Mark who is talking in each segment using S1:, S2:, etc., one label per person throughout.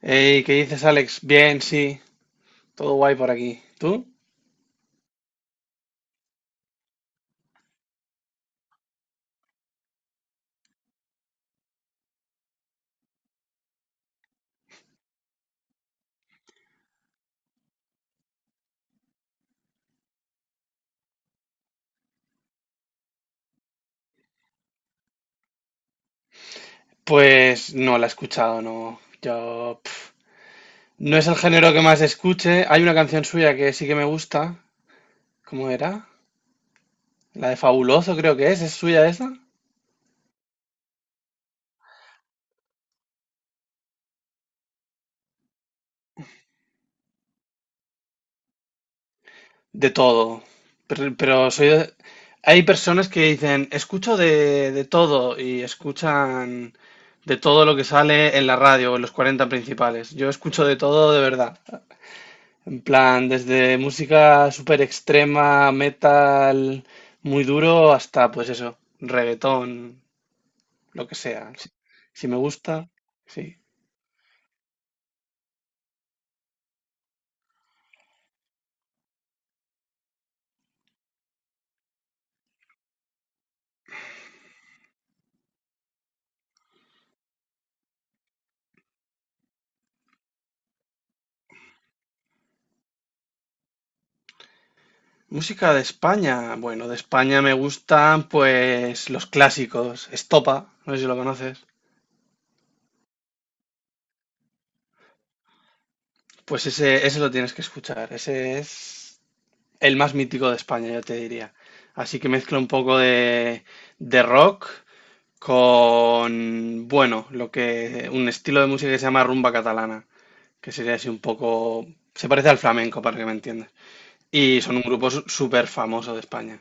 S1: Hey, ¿qué dices, Alex? Bien, sí, todo guay por aquí. ¿Tú? Pues no la he escuchado, no. Yo pf, no es el género que más escuche. Hay una canción suya que sí que me gusta. ¿Cómo era? La de Fabuloso creo que es. ¿Es suya esa? De todo. Pero soy de- Hay personas que dicen, escucho de todo y escuchan de todo lo que sale en la radio o en los 40 Principales. Yo escucho de todo de verdad. En plan, desde música súper extrema, metal muy duro, hasta pues eso, reggaetón, lo que sea. Si, si me gusta, sí. Música de España. Bueno, de España me gustan pues los clásicos. Estopa, no sé si lo conoces. Pues ese lo tienes que escuchar. Ese es el más mítico de España, yo te diría. Así que mezcla un poco de rock con, bueno, lo que, un estilo de música que se llama rumba catalana, que sería así un poco, se parece al flamenco, para que me entiendas. Y son un grupo súper famoso de España.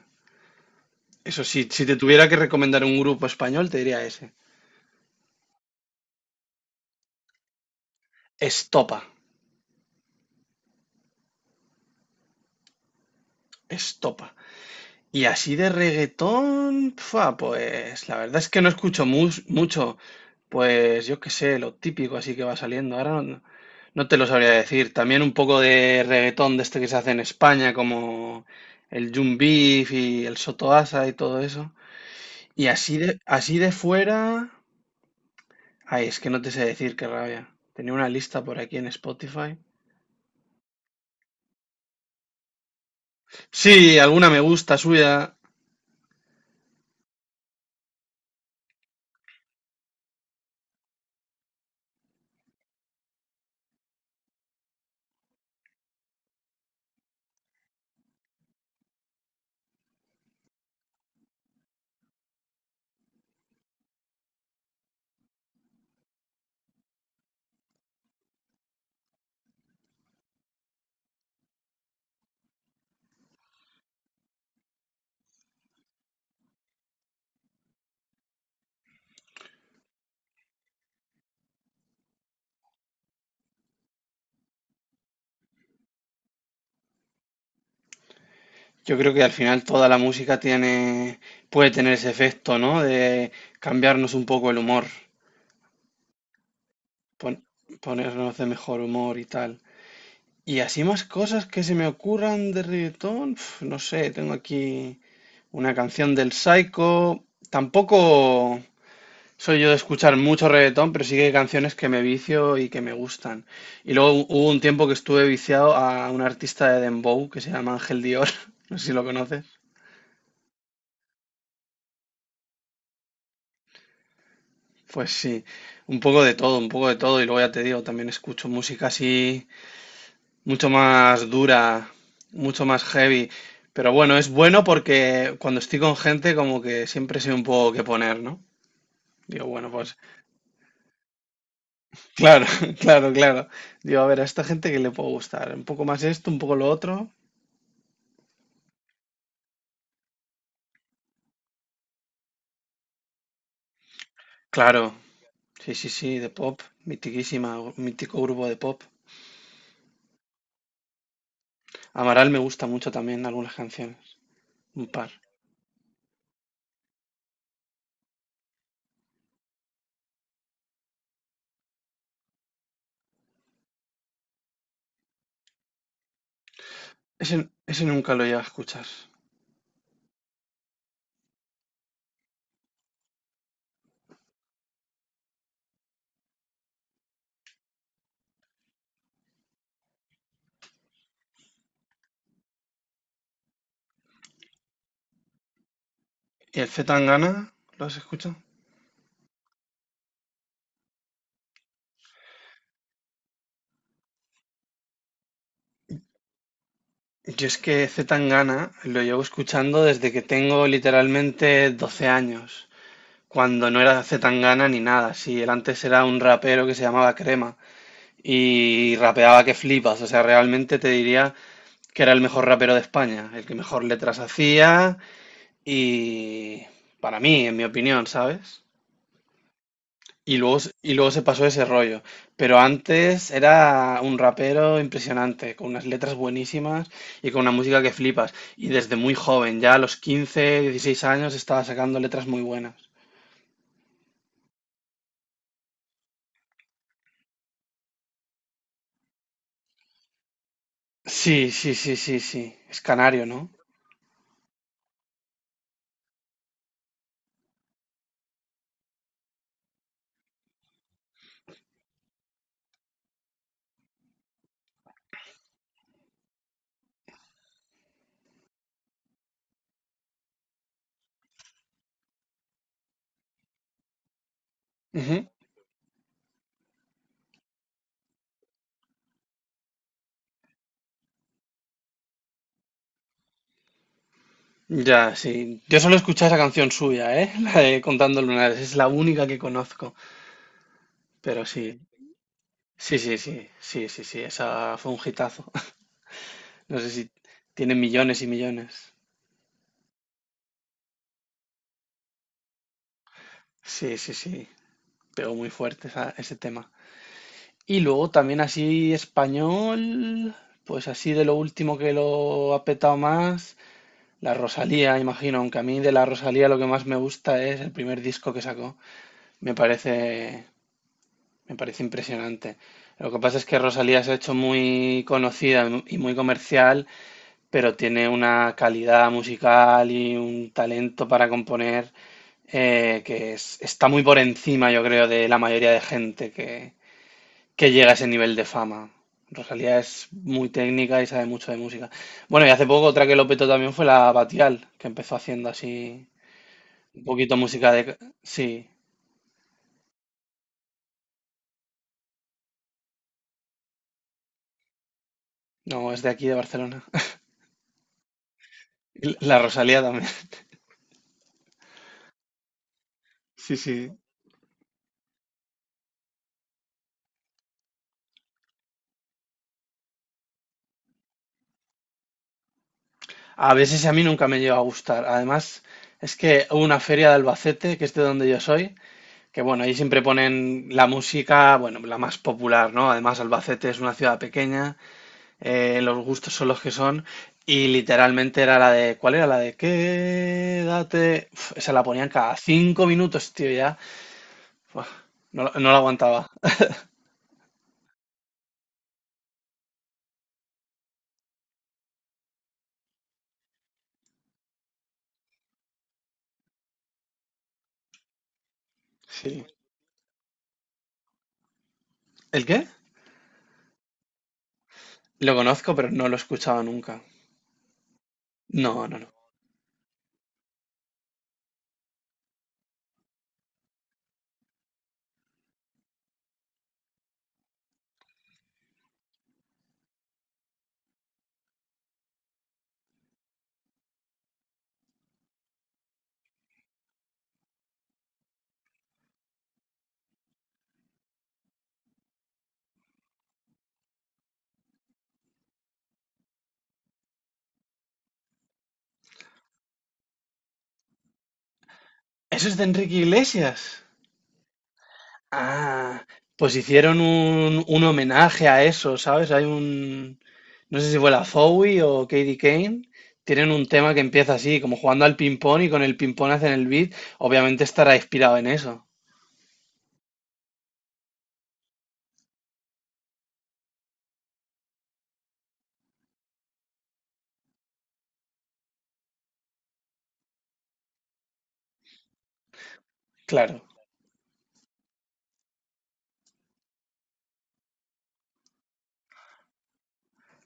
S1: Eso sí, si te tuviera que recomendar un grupo español, te diría ese. Estopa, Estopa. Y así de reggaetón, fua, pues la verdad es que no escucho mucho, pues yo qué sé, lo típico así que va saliendo. Ahora no, no te lo sabría decir. También un poco de reggaetón de este que se hace en España, como el Jun Beef y el Sotoasa y todo eso. Y así de fuera, ay, es que no te sé decir qué rabia. Tenía una lista por aquí en Spotify. Sí, alguna me gusta suya. Yo creo que al final toda la música tiene, puede tener ese efecto, ¿no? De cambiarnos un poco el humor, pon- ponernos de mejor humor y tal. Y así más cosas que se me ocurran de reggaetón, uf, no sé, tengo aquí una canción del Psycho. Tampoco soy yo de escuchar mucho reggaetón, pero sí que hay canciones que me vicio y que me gustan. Y luego hubo un tiempo que estuve viciado a un artista de Dembow que se llama Ángel Dior, no sé si lo conoces. Pues sí, un poco de todo, un poco de todo. Y luego ya te digo, también escucho música así, mucho más dura, mucho más heavy. Pero bueno, es bueno porque cuando estoy con gente, como que siempre sé un poco qué poner, ¿no? Digo, bueno, pues claro, claro, claro. Digo, a ver, a esta gente que le puedo gustar. Un poco más esto, un poco lo otro. Claro, sí, sí, sí, de pop. Mitiquísima, mítico grupo de pop. Amaral me gusta mucho también algunas canciones, un par. Ese nunca lo he llegado a escuchar. ¿Y el C. Tangana? ¿Lo has escuchado? Yo es que C. Tangana lo llevo escuchando desde que tengo literalmente 12 años, cuando no era C. Tangana ni nada. Sí, él antes era un rapero que se llamaba Crema y rapeaba que flipas. O sea, realmente te diría que era el mejor rapero de España, el que mejor letras hacía y para mí, en mi opinión, ¿sabes? Y luego se pasó ese rollo. Pero antes era un rapero impresionante, con unas letras buenísimas y con una música que flipas. Y desde muy joven, ya a los 15 16 años, estaba sacando letras muy buenas. Sí, sí, sí, sí, sí. Es canario, ¿no? Ujú. Ya, sí. Yo solo escuché esa canción suya, ¿eh? La de Contando Lunares. Es la única que conozco. Pero sí. Sí, sí, sí. Sí, sí, sí. Esa fue un hitazo. No sé si tiene millones y millones. Sí, sí, sí. Pegó muy fuerte ese tema. Y luego también así español, pues así de lo último que lo ha petado más, la Rosalía, imagino, aunque a mí de la Rosalía lo que más me gusta es el primer disco que sacó. Me parece, me parece impresionante. Lo que pasa es que Rosalía se ha hecho muy conocida y muy comercial, pero tiene una calidad musical y un talento para componer que es- está muy por encima, yo creo, de la mayoría de gente que llega a ese nivel de fama. Rosalía es muy técnica y sabe mucho de música. Bueno, y hace poco otra que lo petó también fue la Batial, que empezó haciendo así un poquito música de... Sí, no, es de aquí, de Barcelona. Y La Rosalía también. Sí, sí. A veces a mí nunca me llegó a gustar. Además, es que hubo una feria de Albacete, que es de donde yo soy, que bueno, ahí siempre ponen la música, bueno, la más popular, ¿no? Además, Albacete es una ciudad pequeña. Los gustos son los que son. Y literalmente era la de. ¿Cuál era? La de quédate. Uf, esa la ponían cada 5 minutos, tío, ya. Buah, no, no la aguantaba. Sí. ¿El qué? Lo conozco, pero no lo he escuchado nunca. No, no, no. ¿Eso es de Enrique Iglesias? Ah, pues hicieron un homenaje a eso, ¿sabes? Hay un, no sé si fue la Fowie o Katie Kane, tienen un tema que empieza así, como jugando al ping-pong y con el ping-pong hacen el beat, obviamente estará inspirado en eso, claro.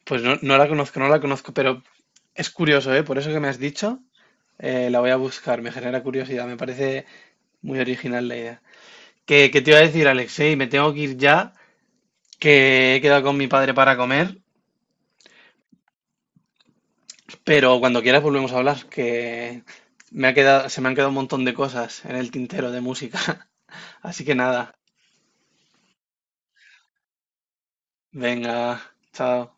S1: Pues no, no la conozco, no la conozco, pero es curioso, ¿eh? Por eso que me has dicho, la voy a buscar, me genera curiosidad, me parece muy original la idea. ¿Qué te iba a decir, Alexei? Me tengo que ir ya, que he quedado con mi padre para comer. Pero cuando quieras volvemos a hablar, que me ha quedado, se me han quedado un montón de cosas en el tintero de música. Así que nada, venga, chao.